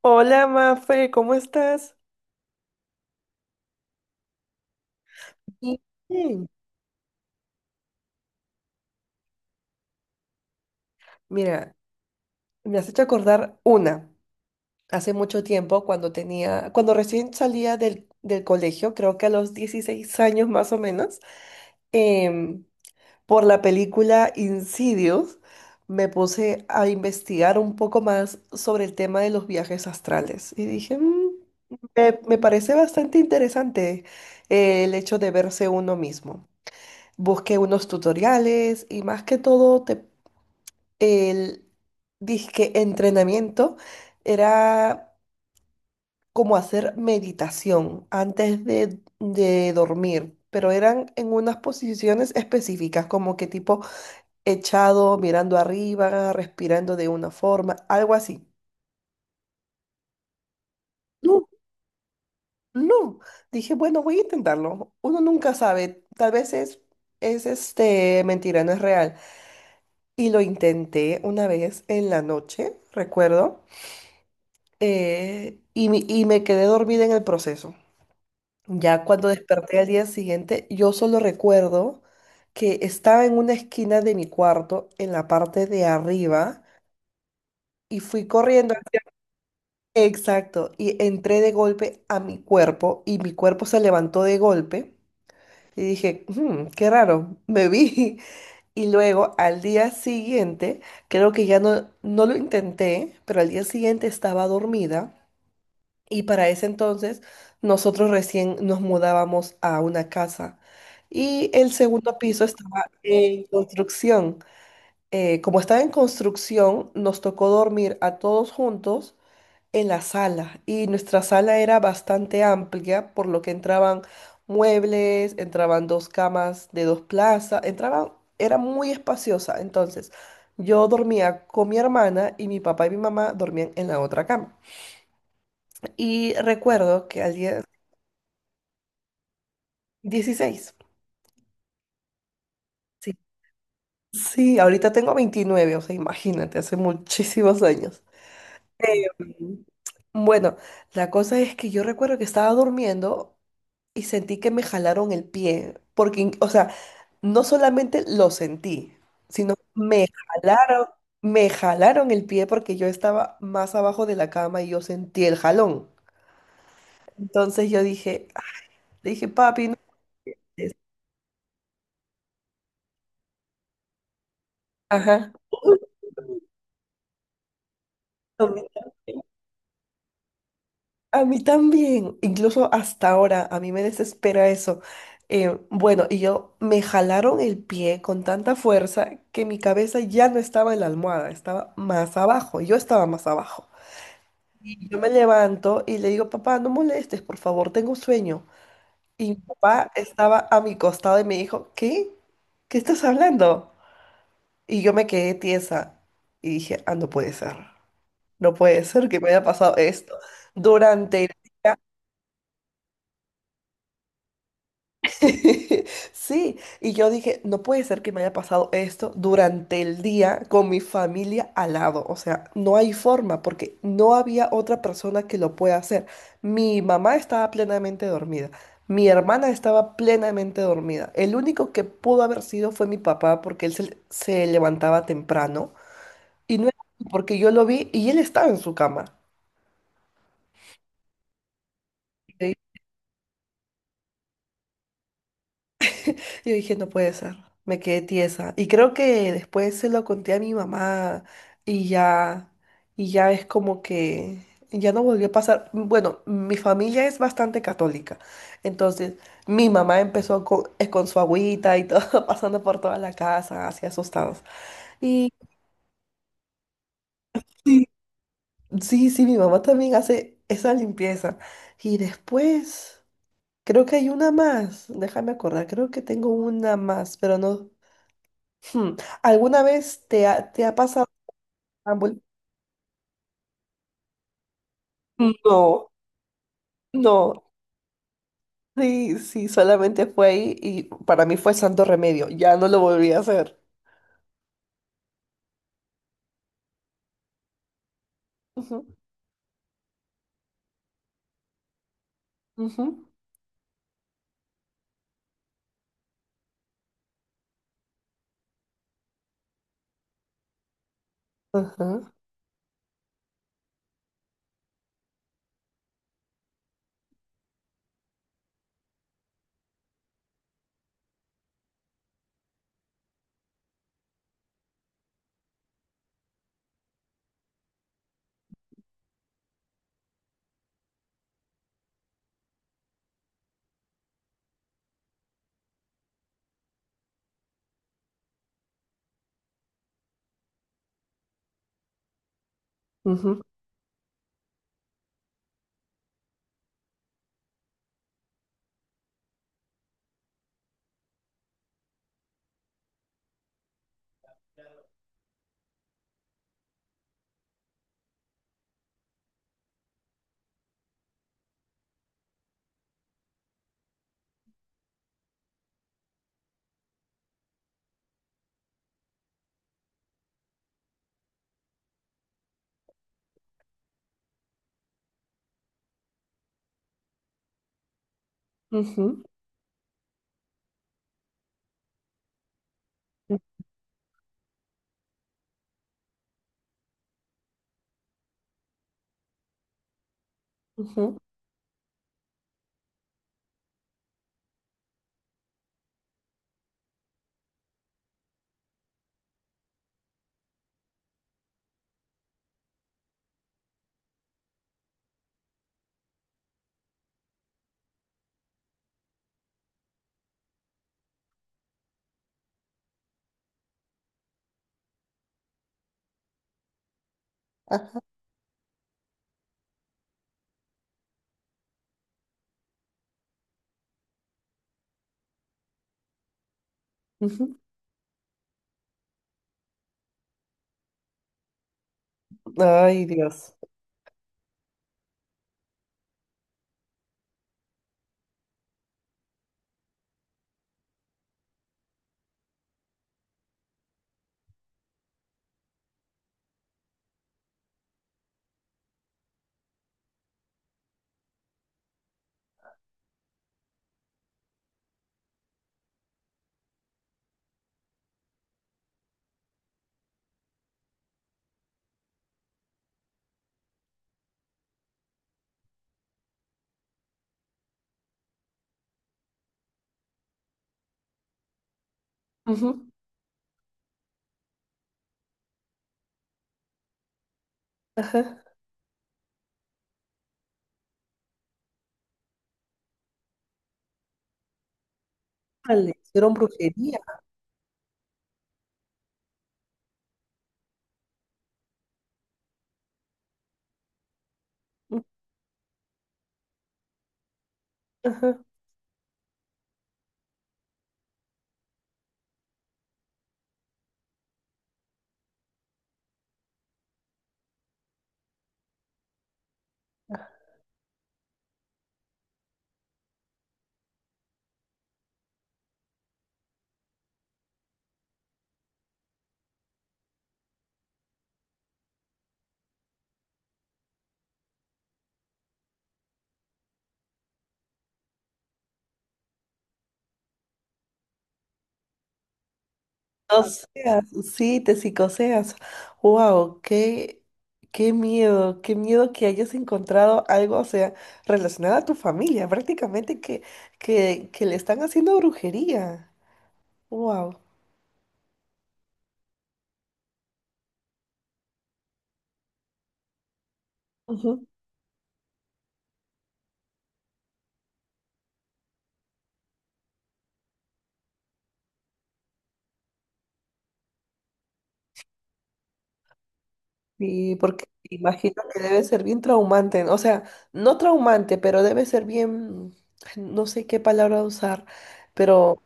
Hola, Mafe, ¿cómo estás? Bien. Mira, me has hecho acordar una. Hace mucho tiempo, cuando recién salía del colegio, creo que a los 16 años más o menos, em, por la película Insidious, me puse a investigar un poco más sobre el tema de los viajes astrales. Y dije, Me parece bastante interesante, el hecho de verse uno mismo. Busqué unos tutoriales y más que todo el disque entrenamiento era como hacer meditación antes de dormir, pero eran en unas posiciones específicas, como que tipo echado, mirando arriba, respirando de una forma, algo así. No, no. Dije, bueno, voy a intentarlo. Uno nunca sabe, tal vez es mentira, no es real. Y lo intenté una vez en la noche, recuerdo, y me quedé dormida en el proceso. Ya cuando desperté al día siguiente, yo solo recuerdo que estaba en una esquina de mi cuarto, en la parte de arriba, y fui corriendo, exacto, y entré de golpe a mi cuerpo, y mi cuerpo se levantó de golpe, y dije, qué raro, me vi. Y luego al día siguiente, creo que ya no lo intenté, pero al día siguiente estaba dormida y para ese entonces nosotros recién nos mudábamos a una casa y el segundo piso estaba en construcción. Como estaba en construcción, nos tocó dormir a todos juntos en la sala y nuestra sala era bastante amplia, por lo que entraban muebles, entraban dos camas de dos plazas, entraban, era muy espaciosa. Entonces, yo dormía con mi hermana y mi papá y mi mamá dormían en la otra cama. Y recuerdo que al día. 16. Sí. Sí, ahorita tengo 29, o sea, imagínate, hace muchísimos años. Em, bueno, la cosa es que yo recuerdo que estaba durmiendo y sentí que me jalaron el pie, porque, o sea, no solamente lo sentí, sino jalaron, me jalaron el pie porque yo estaba más abajo de la cama y yo sentí el jalón. Entonces yo dije, ah, le dije, papi, no es". Ajá. Uy, a mí también. A mí también, incluso hasta ahora, a mí me desespera eso. Bueno, y yo me jalaron el pie con tanta fuerza que mi cabeza ya no estaba en la almohada, estaba más abajo, yo estaba más abajo. Y yo me levanto y le digo, papá, no molestes, por favor, tengo sueño. Y mi papá estaba a mi costado y me dijo, ¿qué? ¿Qué estás hablando? Y yo me quedé tiesa y dije, ah, no puede ser. No puede ser que me haya pasado esto. Durante. Sí, y yo dije, no puede ser que me haya pasado esto durante el día con mi familia al lado. O sea, no hay forma porque no había otra persona que lo pueda hacer. Mi mamá estaba plenamente dormida, mi hermana estaba plenamente dormida. El único que pudo haber sido fue mi papá porque él se levantaba temprano y no era porque yo lo vi y él estaba en su cama. Yo dije, no puede ser. Me quedé tiesa. Y creo que después se lo conté a mi mamá y ya, y ya es como que ya no volvió a pasar. Bueno, mi familia es bastante católica. Entonces, mi mamá empezó con su agüita y todo, pasando por toda la casa, así asustados. Y. Sí. Sí, sí, mi mamá también hace esa limpieza. Y después, creo que hay una más. Déjame acordar, creo que tengo una más, pero no. Hmm, ¿Alguna vez te ha pasado Istanbul? No, no. Sí, sí, solamente fue ahí y para mí fue santo remedio. Ya no lo volví a hacer. Ujú. Ujú. Ajá. Ujú. Ujú. Ujú. Ajá. Ujú. Ay, Dios. Ujú. Ajá. Ah, le hicieron brujería. Ujú. Ajá. Psicoseas, sí, te psicoseas. Wow, qué miedo, qué miedo que hayas encontrado algo, o sea, relacionado a tu familia, prácticamente que le están haciendo brujería. Wow. Y porque imagino que debe ser bien traumante, ¿no? O sea, no traumante, pero debe ser bien, no sé qué palabra usar, pero.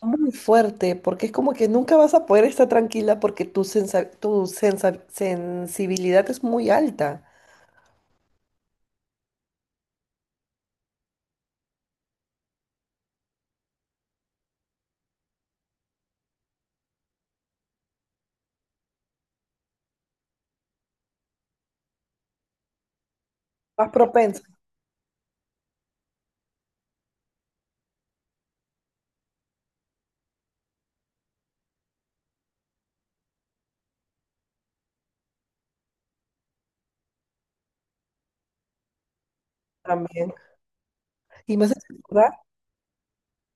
Muy fuerte, porque es como que nunca vas a poder estar tranquila porque sensibilidad es muy alta, más propensa también. Y me has hecho acordar,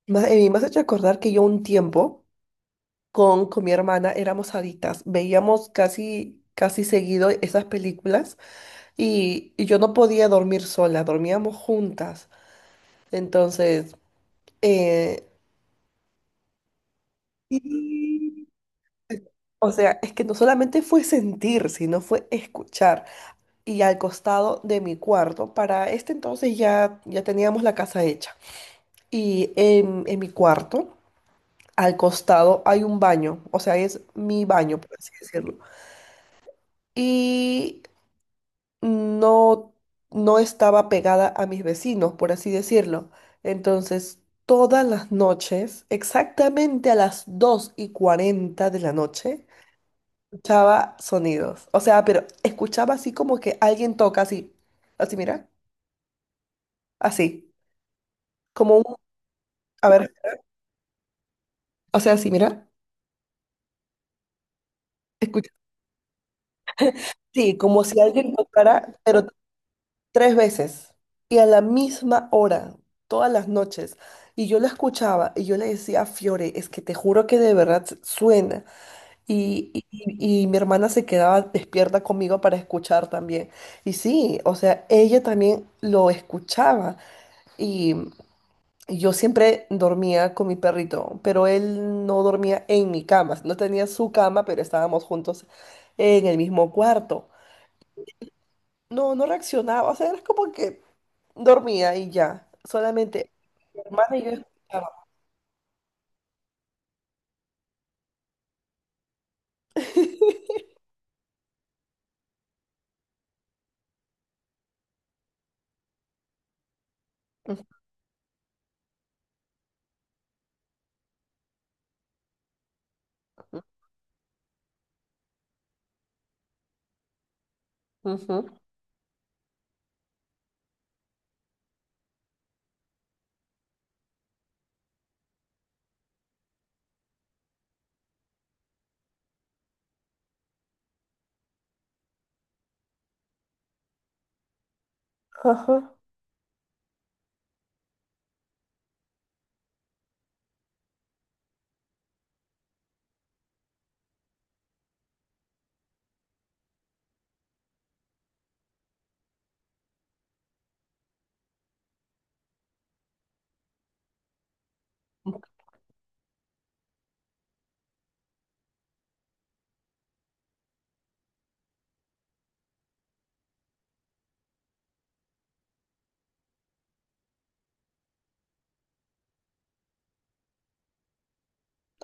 me has hecho acordar que yo un tiempo con mi hermana éramos adictas, veíamos casi, casi seguido esas películas y yo no podía dormir sola, dormíamos juntas. Entonces, eh, y- o sea, es que no solamente fue sentir, sino fue escuchar. Y al costado de mi cuarto. Para este entonces ya, ya teníamos la casa hecha. Y en mi cuarto, al costado, hay un baño. O sea, es mi baño, por así decirlo. Y no, no estaba pegada a mis vecinos, por así decirlo. Entonces, todas las noches, exactamente a las 2:40 de la noche, escuchaba sonidos. O sea, pero escuchaba así como que alguien toca así. Así, mira. Así como un. A ver, o sea, sí, mira, escucha. Sí, como si alguien tocara, pero tres veces y a la misma hora, todas las noches. Y yo la escuchaba y yo le decía, Fiore, es que te juro que de verdad suena. Y mi hermana se quedaba despierta conmigo para escuchar también. Y sí, o sea, ella también lo escuchaba. Y yo siempre dormía con mi perrito, pero él no dormía en mi cama. No tenía su cama, pero estábamos juntos en el mismo cuarto. No, no reaccionaba. O sea, era como que dormía y ya. Solamente mi hermana y yo escuchábamos. Ujú. Ujú. Ajá.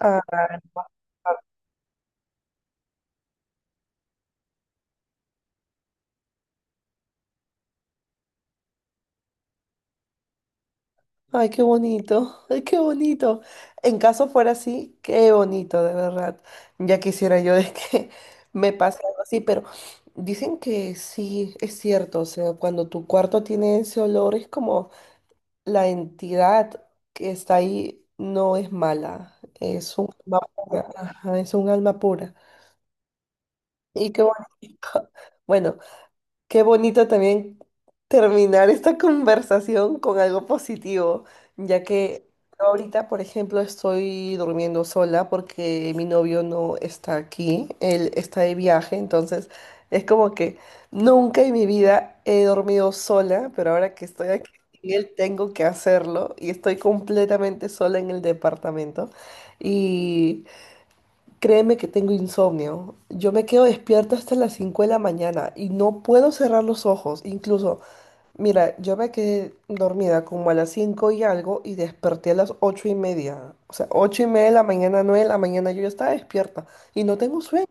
Ah. Ay, qué bonito, ay, qué bonito. En caso fuera así, qué bonito, de verdad. Ya quisiera yo de que me pase algo así, pero dicen que sí, es cierto. O sea, cuando tu cuarto tiene ese olor, es como la entidad que está ahí no es mala, es un alma pura. Ajá, es un alma pura. Y qué bonito. Bueno, qué bonito también terminar esta conversación con algo positivo, ya que yo ahorita, por ejemplo, estoy durmiendo sola porque mi novio no está aquí, él está de viaje, entonces es como que nunca en mi vida he dormido sola, pero ahora que estoy aquí con él tengo que hacerlo y estoy completamente sola en el departamento. Y créeme que tengo insomnio. Yo me quedo despierta hasta las 5 de la mañana y no puedo cerrar los ojos. Incluso, mira, yo me quedé dormida como a las 5 y algo y desperté a las 8:30. O sea, 8:30 de la mañana, 9 de la mañana, yo ya estaba despierta y no tengo sueño.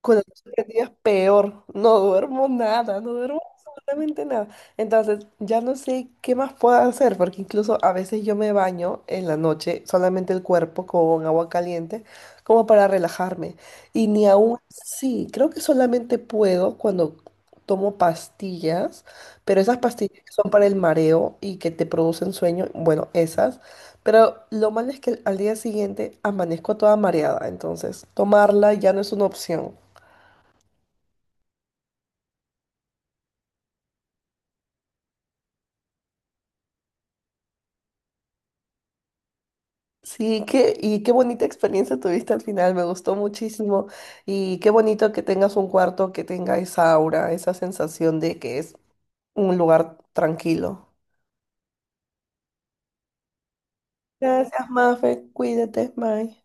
Cuando estoy perdida es peor, no duermo nada, no duermo absolutamente nada. Entonces, ya no sé qué más puedo hacer, porque incluso a veces yo me baño en la noche, solamente el cuerpo con agua caliente, como para relajarme. Y ni aún así, creo que solamente puedo cuando tomo pastillas, pero esas pastillas que son para el mareo y que te producen sueño, bueno, esas. Pero lo malo es que al día siguiente amanezco toda mareada, entonces tomarla ya no es una opción. Sí, qué, y qué bonita experiencia tuviste al final, me gustó muchísimo y qué bonito que tengas un cuarto que tenga esa aura, esa sensación de que es un lugar tranquilo. Gracias, Mafe, cuídate, bye.